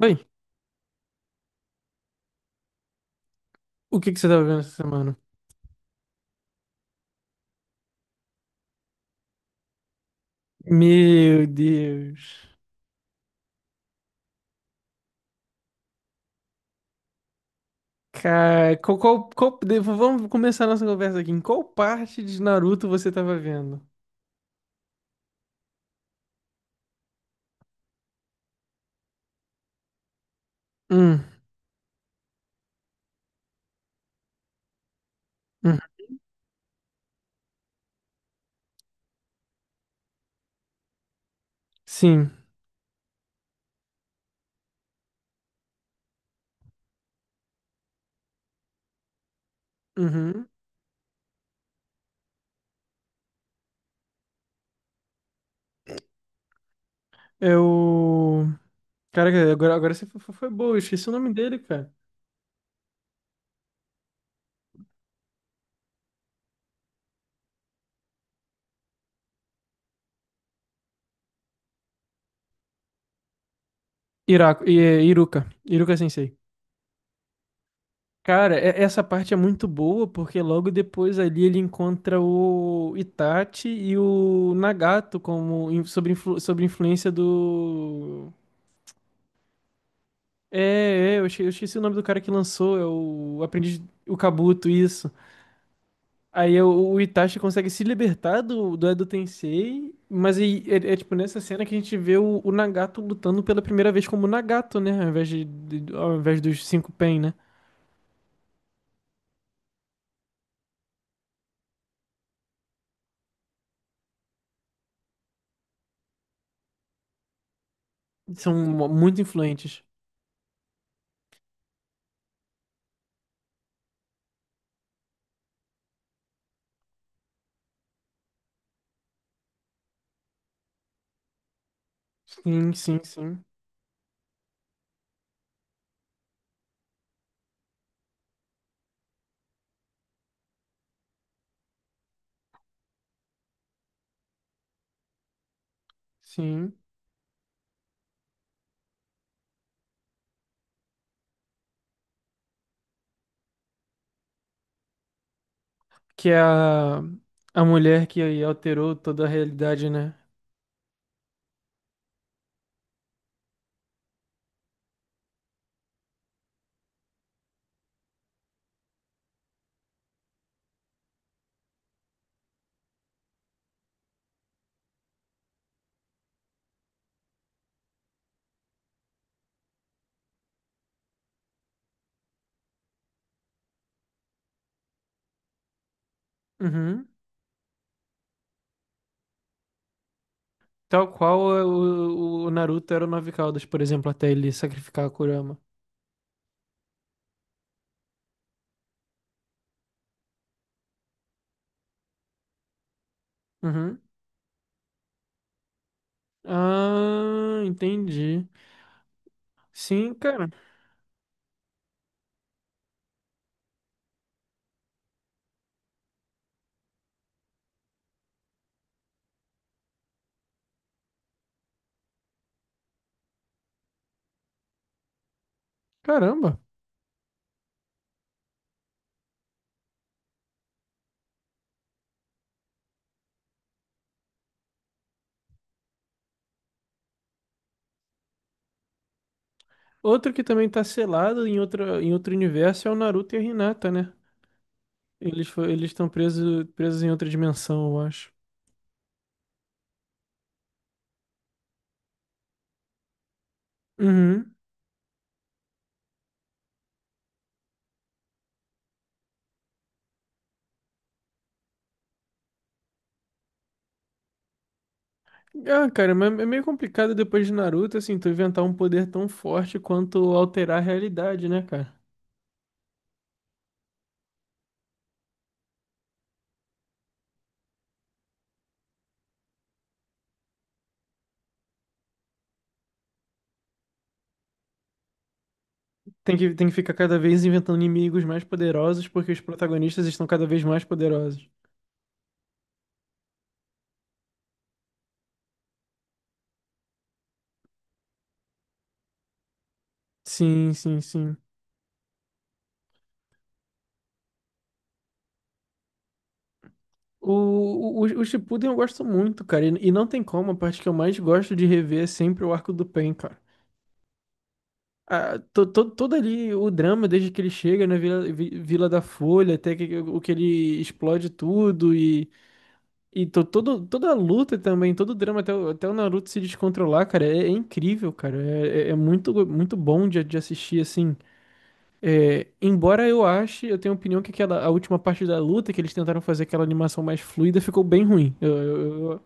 Oi, o que que você tava vendo essa semana? Meu Deus. Cara, vamos começar a nossa conversa aqui. Em qual parte de Naruto você tava vendo? Hum, hum, sim. Uhum. Eu. Caraca, agora você foi, foi boa, eu esqueci o nome dele, cara. Iruka. Iruka Sensei. Cara, essa parte é muito boa porque logo depois ali ele encontra o Itachi e o Nagato como in- sobre, influ- sobre influência do. É, eu esqueci o nome do cara que lançou, é o Aprendiz, o Kabuto, isso. Aí é o Itachi consegue se libertar do Edo Tensei, mas aí, é tipo nessa cena que a gente vê o Nagato lutando pela primeira vez como Nagato, né? Ao invés, ao invés dos cinco Pen, né? Muito influentes. Sim, sim. Que é a mulher que aí alterou toda a realidade, né? Uhum. Tal qual é o Naruto era o Nove Caudas, por exemplo, até ele sacrificar a Kurama. Uhum. Ah, entendi. Sim, cara. Caramba. Outro que também tá selado em outro universo é o Naruto e a Hinata, né? Eles estão presos em outra dimensão, eu acho. Uhum. Ah, cara, mas é meio complicado depois de Naruto, assim, tu inventar um poder tão forte quanto alterar a realidade, né, cara? Tem que ficar cada vez inventando inimigos mais poderosos porque os protagonistas estão cada vez mais poderosos. Sim, sim, sim. O Shippuden eu gosto muito, cara. E não tem como, a parte que eu mais gosto de rever é sempre o arco do Pain, cara. Ah, todo ali o drama, desde que ele chega na Vila da Folha, até que, o que ele explode tudo, e, todo, toda a luta também, todo o drama, até o Naruto se descontrolar, cara, é incrível, cara. É muito, muito bom de assistir, assim. É, embora eu ache, eu tenho a opinião que aquela, a última parte da luta que eles tentaram fazer aquela animação mais fluida ficou bem ruim.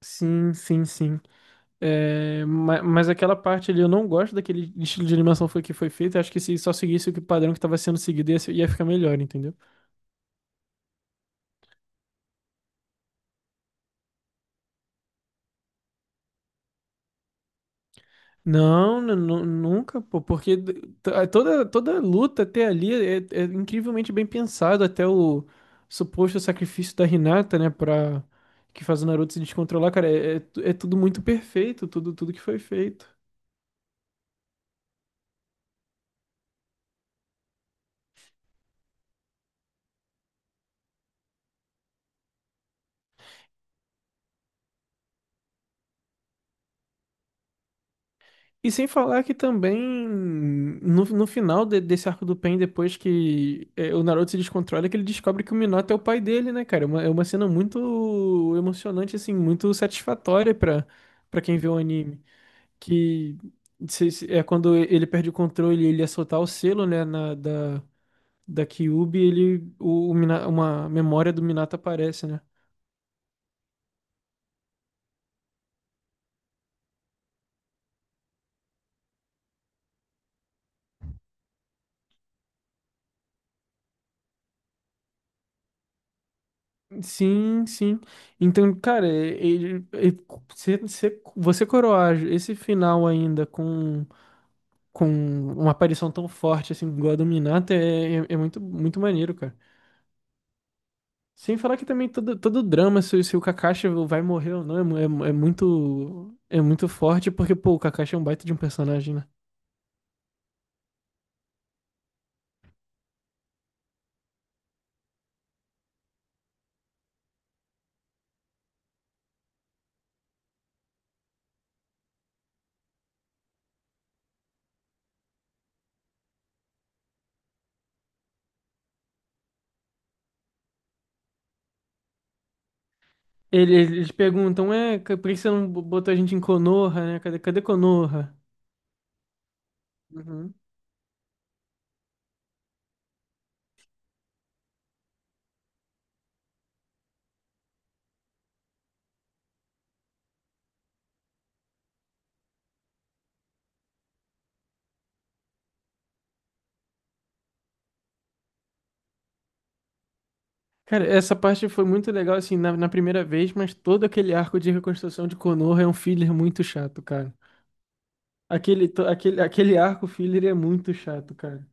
Sim, sim, sim. Mas, aquela parte ali, eu não gosto daquele estilo de animação que foi feito. Eu acho que se só seguisse o padrão que estava sendo seguido, ia ficar melhor, entendeu? Nunca, pô, porque d- t- a- toda, toda luta até ali é incrivelmente bem pensado, até o suposto sacrifício da Hinata, né, pra que faz o Naruto se descontrolar, cara, é tudo muito perfeito, tudo, tudo que foi feito. E sem falar que também no final desse arco do Pain, depois que é, o Naruto se descontrola, é que ele descobre que o Minato é o pai dele, né, cara? É é uma cena muito emocionante, assim, muito satisfatória pra quem vê o anime. Que é quando ele perde o controle e ele ia soltar o selo, né, da Kyuubi, ele, uma memória do Minato aparece, né? Sim, sim. Então, cara, você coroar esse final ainda com uma aparição tão forte assim, igual a do Minato, é muito, muito maneiro, cara. Sem falar que também todo, todo o drama, se o Kakashi vai morrer ou não, é muito forte, porque, pô, o Kakashi é um baita de um personagem, né? Eles perguntam, por que você não botou a gente em Konoha, né? Cadê, cadê Konoha? Cara, essa parte foi muito legal, assim, na primeira vez, mas todo aquele arco de reconstrução de Konoha é um filler muito chato, cara. Aquele arco filler é muito chato, cara.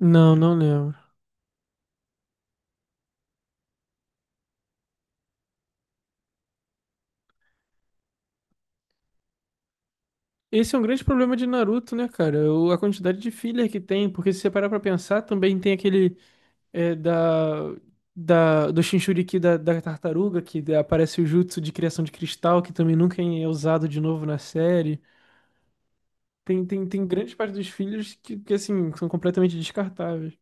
Não, não lembro. Esse é um grande problema de Naruto, né, cara? A quantidade de filler que tem, porque se você parar pra pensar, também tem aquele é, da, do Jinchuriki da tartaruga, que aparece o jutsu de criação de cristal, que também nunca é usado de novo na série. Tem grandes partes dos fillers que, assim, são completamente descartáveis.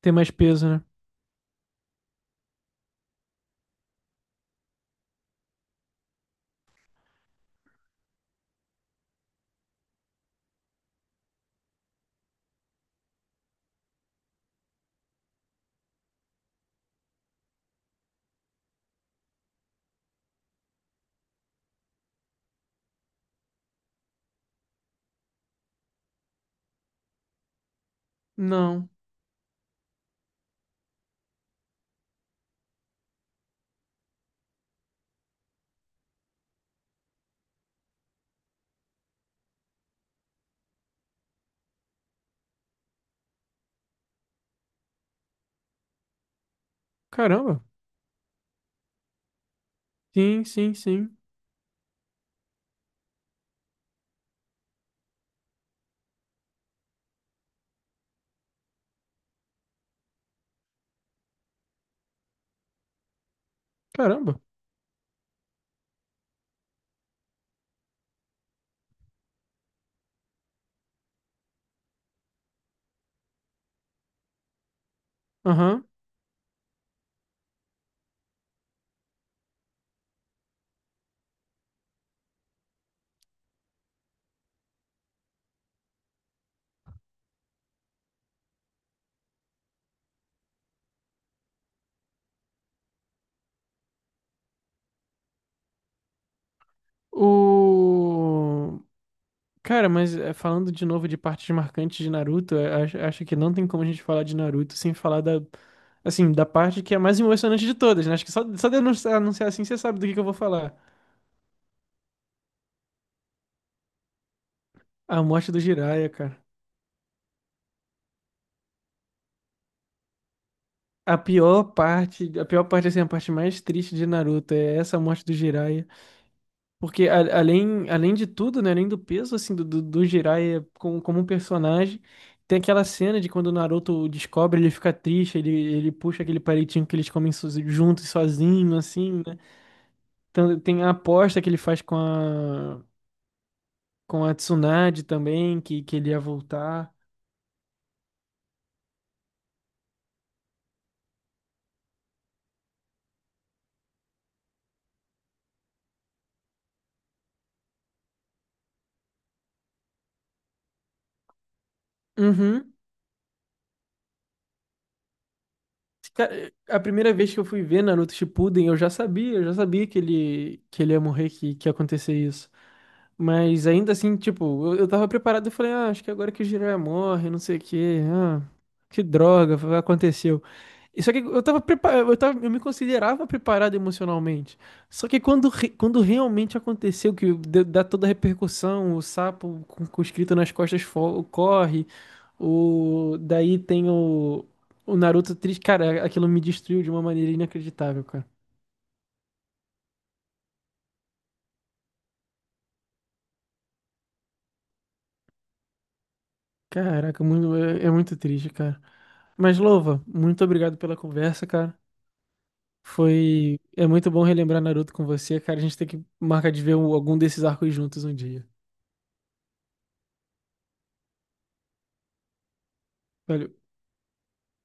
Tem mais peso, né? Não. Caramba. Sim, sim, sim. Caramba. Aham. O. Cara, mas é, falando de novo de partes marcantes de Naruto, é, acho que não tem como a gente falar de Naruto sem falar da. Assim, da parte que é a mais emocionante de todas, né? Acho que só, só de eu anunciar assim você sabe do que eu vou falar. A morte do Jiraiya, cara. A pior parte, assim, a parte mais triste de Naruto é essa morte do Jiraiya. Porque além, além de tudo, né, além do peso assim do Jiraiya como, como um personagem, tem aquela cena de quando o Naruto descobre, ele fica triste, ele puxa aquele palitinho que eles comem juntos, sozinho, assim, né? Então, tem a aposta que ele faz com com a Tsunade também, que ele ia voltar. Uhum. Cara, a primeira vez que eu fui ver Naruto Shippuden, eu já sabia que ele ia morrer, que ia acontecer isso. Mas ainda assim, tipo, eu tava preparado, eu falei, ah, acho que agora que o Jiraiya morre, não sei o quê, ah, que droga, aconteceu. E só que eu tava preparado, eu tava, eu me considerava preparado emocionalmente. Só que quando, quando realmente aconteceu, que dá toda a repercussão, o sapo com escrito nas costas corre, o, daí tem o Naruto triste, cara, aquilo me destruiu de uma maneira inacreditável, cara. Caraca, muito, é muito triste, cara. Mas, Louva, muito obrigado pela conversa, cara. Foi. É muito bom relembrar Naruto com você, cara. A gente tem que marcar de ver algum desses arcos juntos um dia. Valeu.